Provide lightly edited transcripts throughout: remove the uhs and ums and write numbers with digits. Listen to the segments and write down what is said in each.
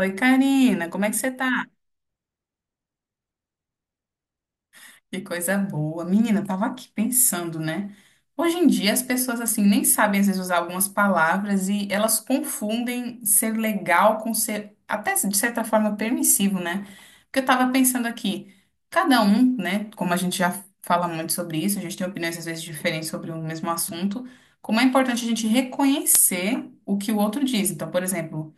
Oi, Karina, como é que você tá? Que coisa boa. Menina, eu tava aqui pensando, né? Hoje em dia as pessoas assim nem sabem às vezes usar algumas palavras e elas confundem ser legal com ser até de certa forma permissivo, né? Porque eu tava pensando aqui, cada um, né, como a gente já fala muito sobre isso, a gente tem opiniões às vezes diferentes sobre o mesmo assunto, como é importante a gente reconhecer o que o outro diz. Então, por exemplo,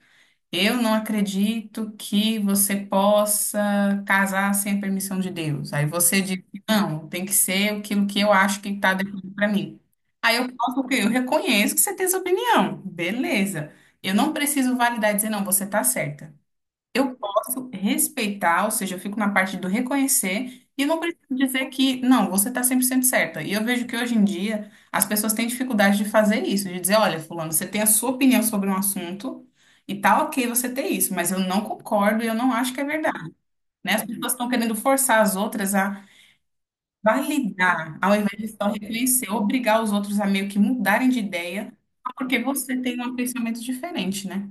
eu não acredito que você possa casar sem a permissão de Deus. Aí você diz, não, tem que ser aquilo que eu acho que está definido para mim. Aí eu posso, o quê? Eu reconheço que você tem essa opinião. Beleza. Eu não preciso validar e dizer, não, você está certa. Eu posso respeitar, ou seja, eu fico na parte do reconhecer e não preciso dizer que, não, você está 100% certa. E eu vejo que hoje em dia as pessoas têm dificuldade de fazer isso, de dizer, olha, fulano, você tem a sua opinião sobre um assunto e tá ok você ter isso, mas eu não concordo e eu não acho que é verdade, né? As pessoas estão querendo forçar as outras a validar, ao invés de só reconhecer, obrigar os outros a meio que mudarem de ideia, porque você tem um pensamento diferente, né?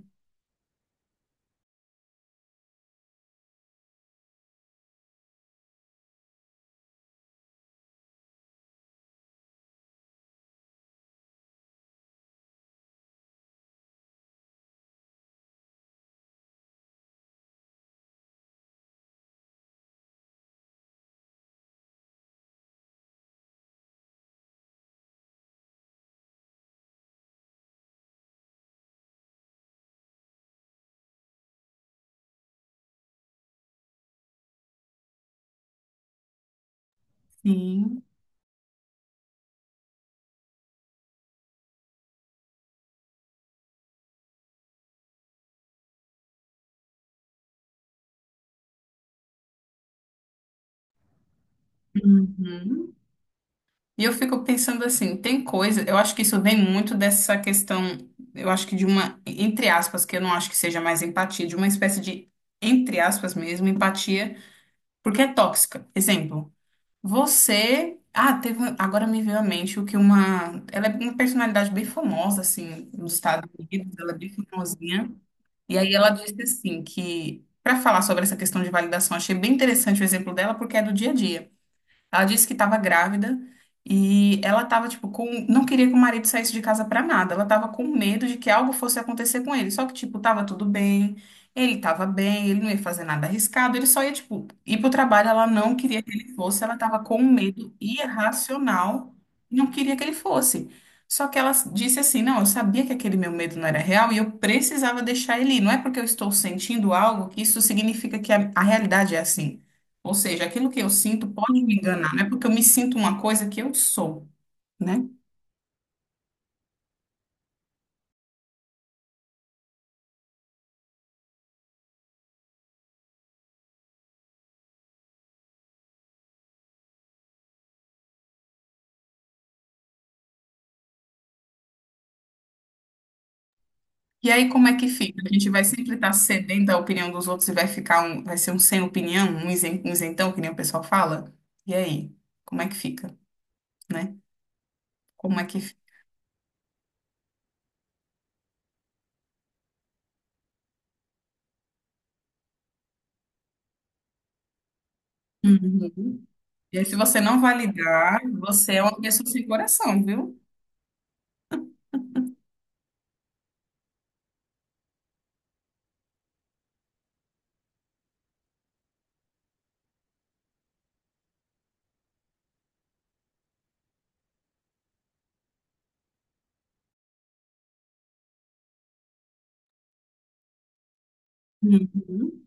Sim. Uhum. E eu fico pensando assim, tem coisa, eu acho que isso vem muito dessa questão, eu acho que de uma, entre aspas, que eu não acho que seja mais empatia, de uma espécie de, entre aspas mesmo, empatia, porque é tóxica. Exemplo, você, ah, teve, agora me veio à mente o que uma, ela é uma personalidade bem famosa, assim, nos Estados Unidos, ela é bem famosinha, e aí ela disse assim, que, para falar sobre essa questão de validação, achei bem interessante o exemplo dela, porque é do dia a dia. Ela disse que estava grávida e ela estava, tipo, com. Não queria que o marido saísse de casa para nada. Ela estava com medo de que algo fosse acontecer com ele. Só que, tipo, tava tudo bem, ele estava bem, ele não ia fazer nada arriscado, ele só ia, tipo, ir pro trabalho. Ela não queria que ele fosse, ela estava com medo irracional, não queria que ele fosse. Só que ela disse assim: não, eu sabia que aquele meu medo não era real e eu precisava deixar ele ir. Não é porque eu estou sentindo algo que isso significa que a realidade é assim. Ou seja, aquilo que eu sinto pode me enganar, não é porque eu me sinto uma coisa que eu sou, né? E aí como é que fica? A gente vai sempre estar cedendo à opinião dos outros e vai ficar um, vai ser um sem opinião, um um isentão, que nem o pessoal fala? E aí, como é que fica, né? Como é que fica? Uhum. E aí, se você não validar, você é uma pessoa sem coração, viu? Uhum.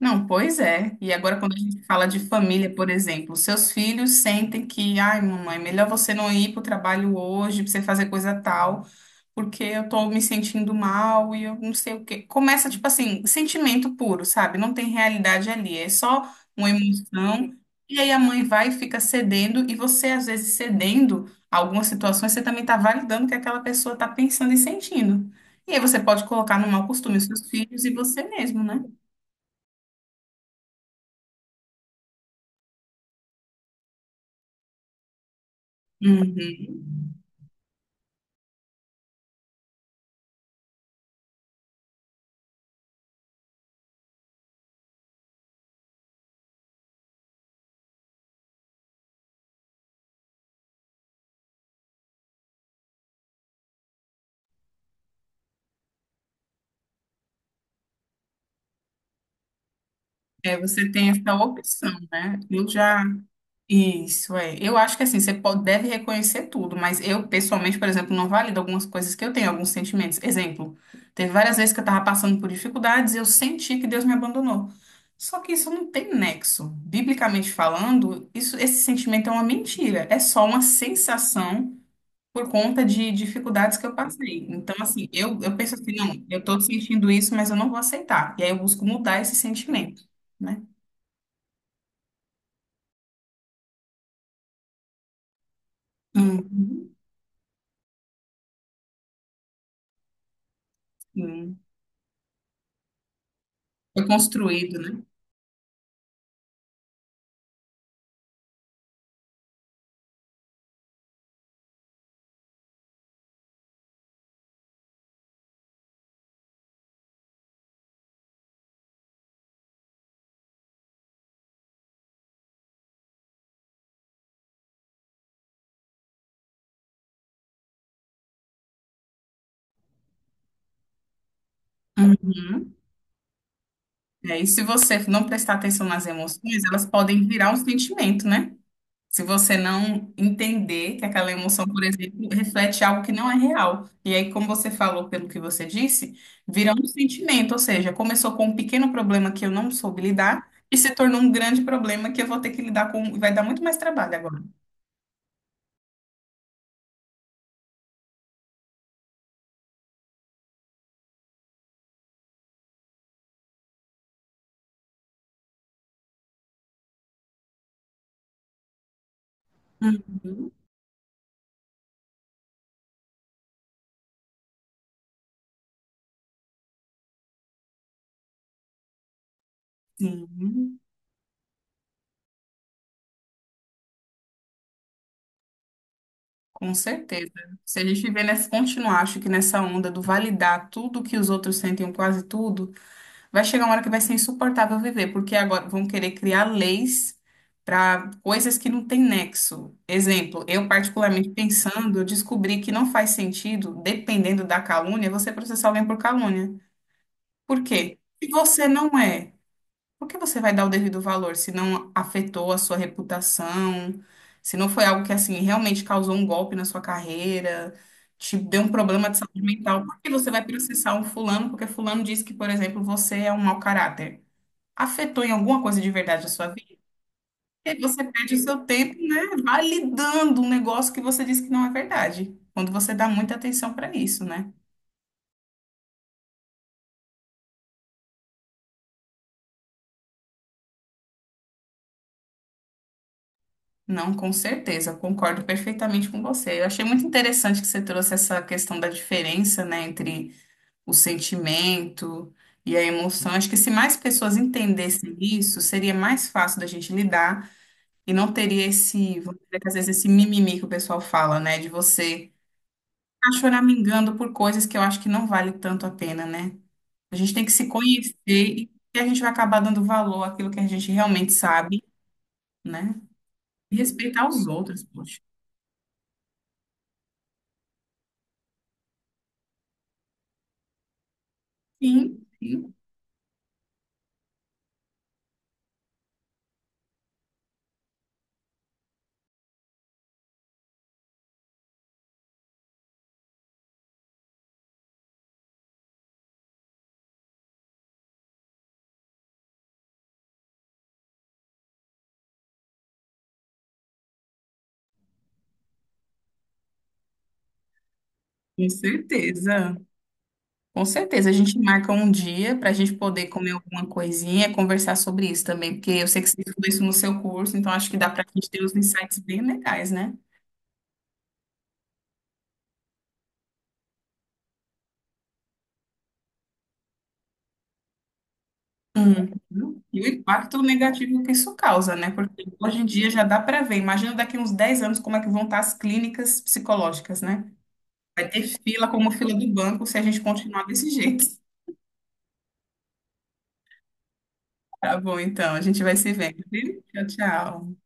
Não, pois é. E agora, quando a gente fala de família, por exemplo, seus filhos sentem que, ai, mamãe, melhor você não ir para o trabalho hoje, para você fazer coisa tal, porque eu tô me sentindo mal e eu não sei o quê. Começa, tipo assim, sentimento puro, sabe? Não tem realidade ali, é só uma emoção. E aí a mãe vai e fica cedendo, e você, às vezes, cedendo a algumas situações, você também está validando o que aquela pessoa está pensando e sentindo. E aí você pode colocar no mau costume os seus filhos e você mesmo, né? Uhum. É, você tem essa opção, né? Eu já. Isso, é. Eu acho que assim, você pode, deve reconhecer tudo, mas eu, pessoalmente, por exemplo, não valido algumas coisas que eu tenho, alguns sentimentos. Exemplo, teve várias vezes que eu estava passando por dificuldades e eu senti que Deus me abandonou. Só que isso não tem nexo. Biblicamente falando, isso, esse sentimento é uma mentira. É só uma sensação por conta de dificuldades que eu passei. Então, assim, eu penso assim, não, eu estou sentindo isso, mas eu não vou aceitar. E aí eu busco mudar esse sentimento, né? Uhum, sim. Foi construído, né? Uhum. É, e aí, se você não prestar atenção nas emoções, elas podem virar um sentimento, né? Se você não entender que aquela emoção, por exemplo, reflete algo que não é real. E aí, como você falou, pelo que você disse, vira um sentimento, ou seja, começou com um pequeno problema que eu não soube lidar e se tornou um grande problema que eu vou ter que lidar com, e vai dar muito mais trabalho agora. Uhum, sim, com certeza. Se a gente viver nessa, continuar, acho que nessa onda do validar tudo que os outros sentem, ou quase tudo, vai chegar uma hora que vai ser insuportável viver, porque agora vão querer criar leis para coisas que não têm nexo. Exemplo, eu particularmente pensando, eu descobri que não faz sentido, dependendo da calúnia, você processar alguém por calúnia. Por quê? Se você não é, por que você vai dar o devido valor se não afetou a sua reputação, se não foi algo que assim realmente causou um golpe na sua carreira? Te deu um problema de saúde mental, por que você vai processar um fulano? Porque fulano disse que, por exemplo, você é um mau caráter afetou em alguma coisa de verdade a sua vida, e aí você perde o seu tempo, né, validando um negócio que você disse que não é verdade. Quando você dá muita atenção para isso, né? Não, com certeza, concordo perfeitamente com você. Eu achei muito interessante que você trouxe essa questão da diferença, né, entre o sentimento e a emoção. Acho que se mais pessoas entendessem isso, seria mais fácil da gente lidar e não teria esse, vamos dizer que às vezes esse mimimi que o pessoal fala, né, de você ficar choramingando por coisas que eu acho que não vale tanto a pena, né? A gente tem que se conhecer e a gente vai acabar dando valor àquilo que a gente realmente sabe, né? E respeitar os outros, poxa. Sim, sim, com certeza. Com certeza. A gente marca um dia para a gente poder comer alguma coisinha, conversar sobre isso também, porque eu sei que você estudou isso no seu curso, então acho que dá para a gente ter uns insights bem legais, né? Uhum. E o impacto negativo que isso causa, né? Porque hoje em dia já dá para ver. Imagina daqui uns 10 anos como é que vão estar as clínicas psicológicas, né? Vai ter fila como fila do banco se a gente continuar desse jeito. Tá bom, então, a gente vai se vendo, viu? Tchau, tchau.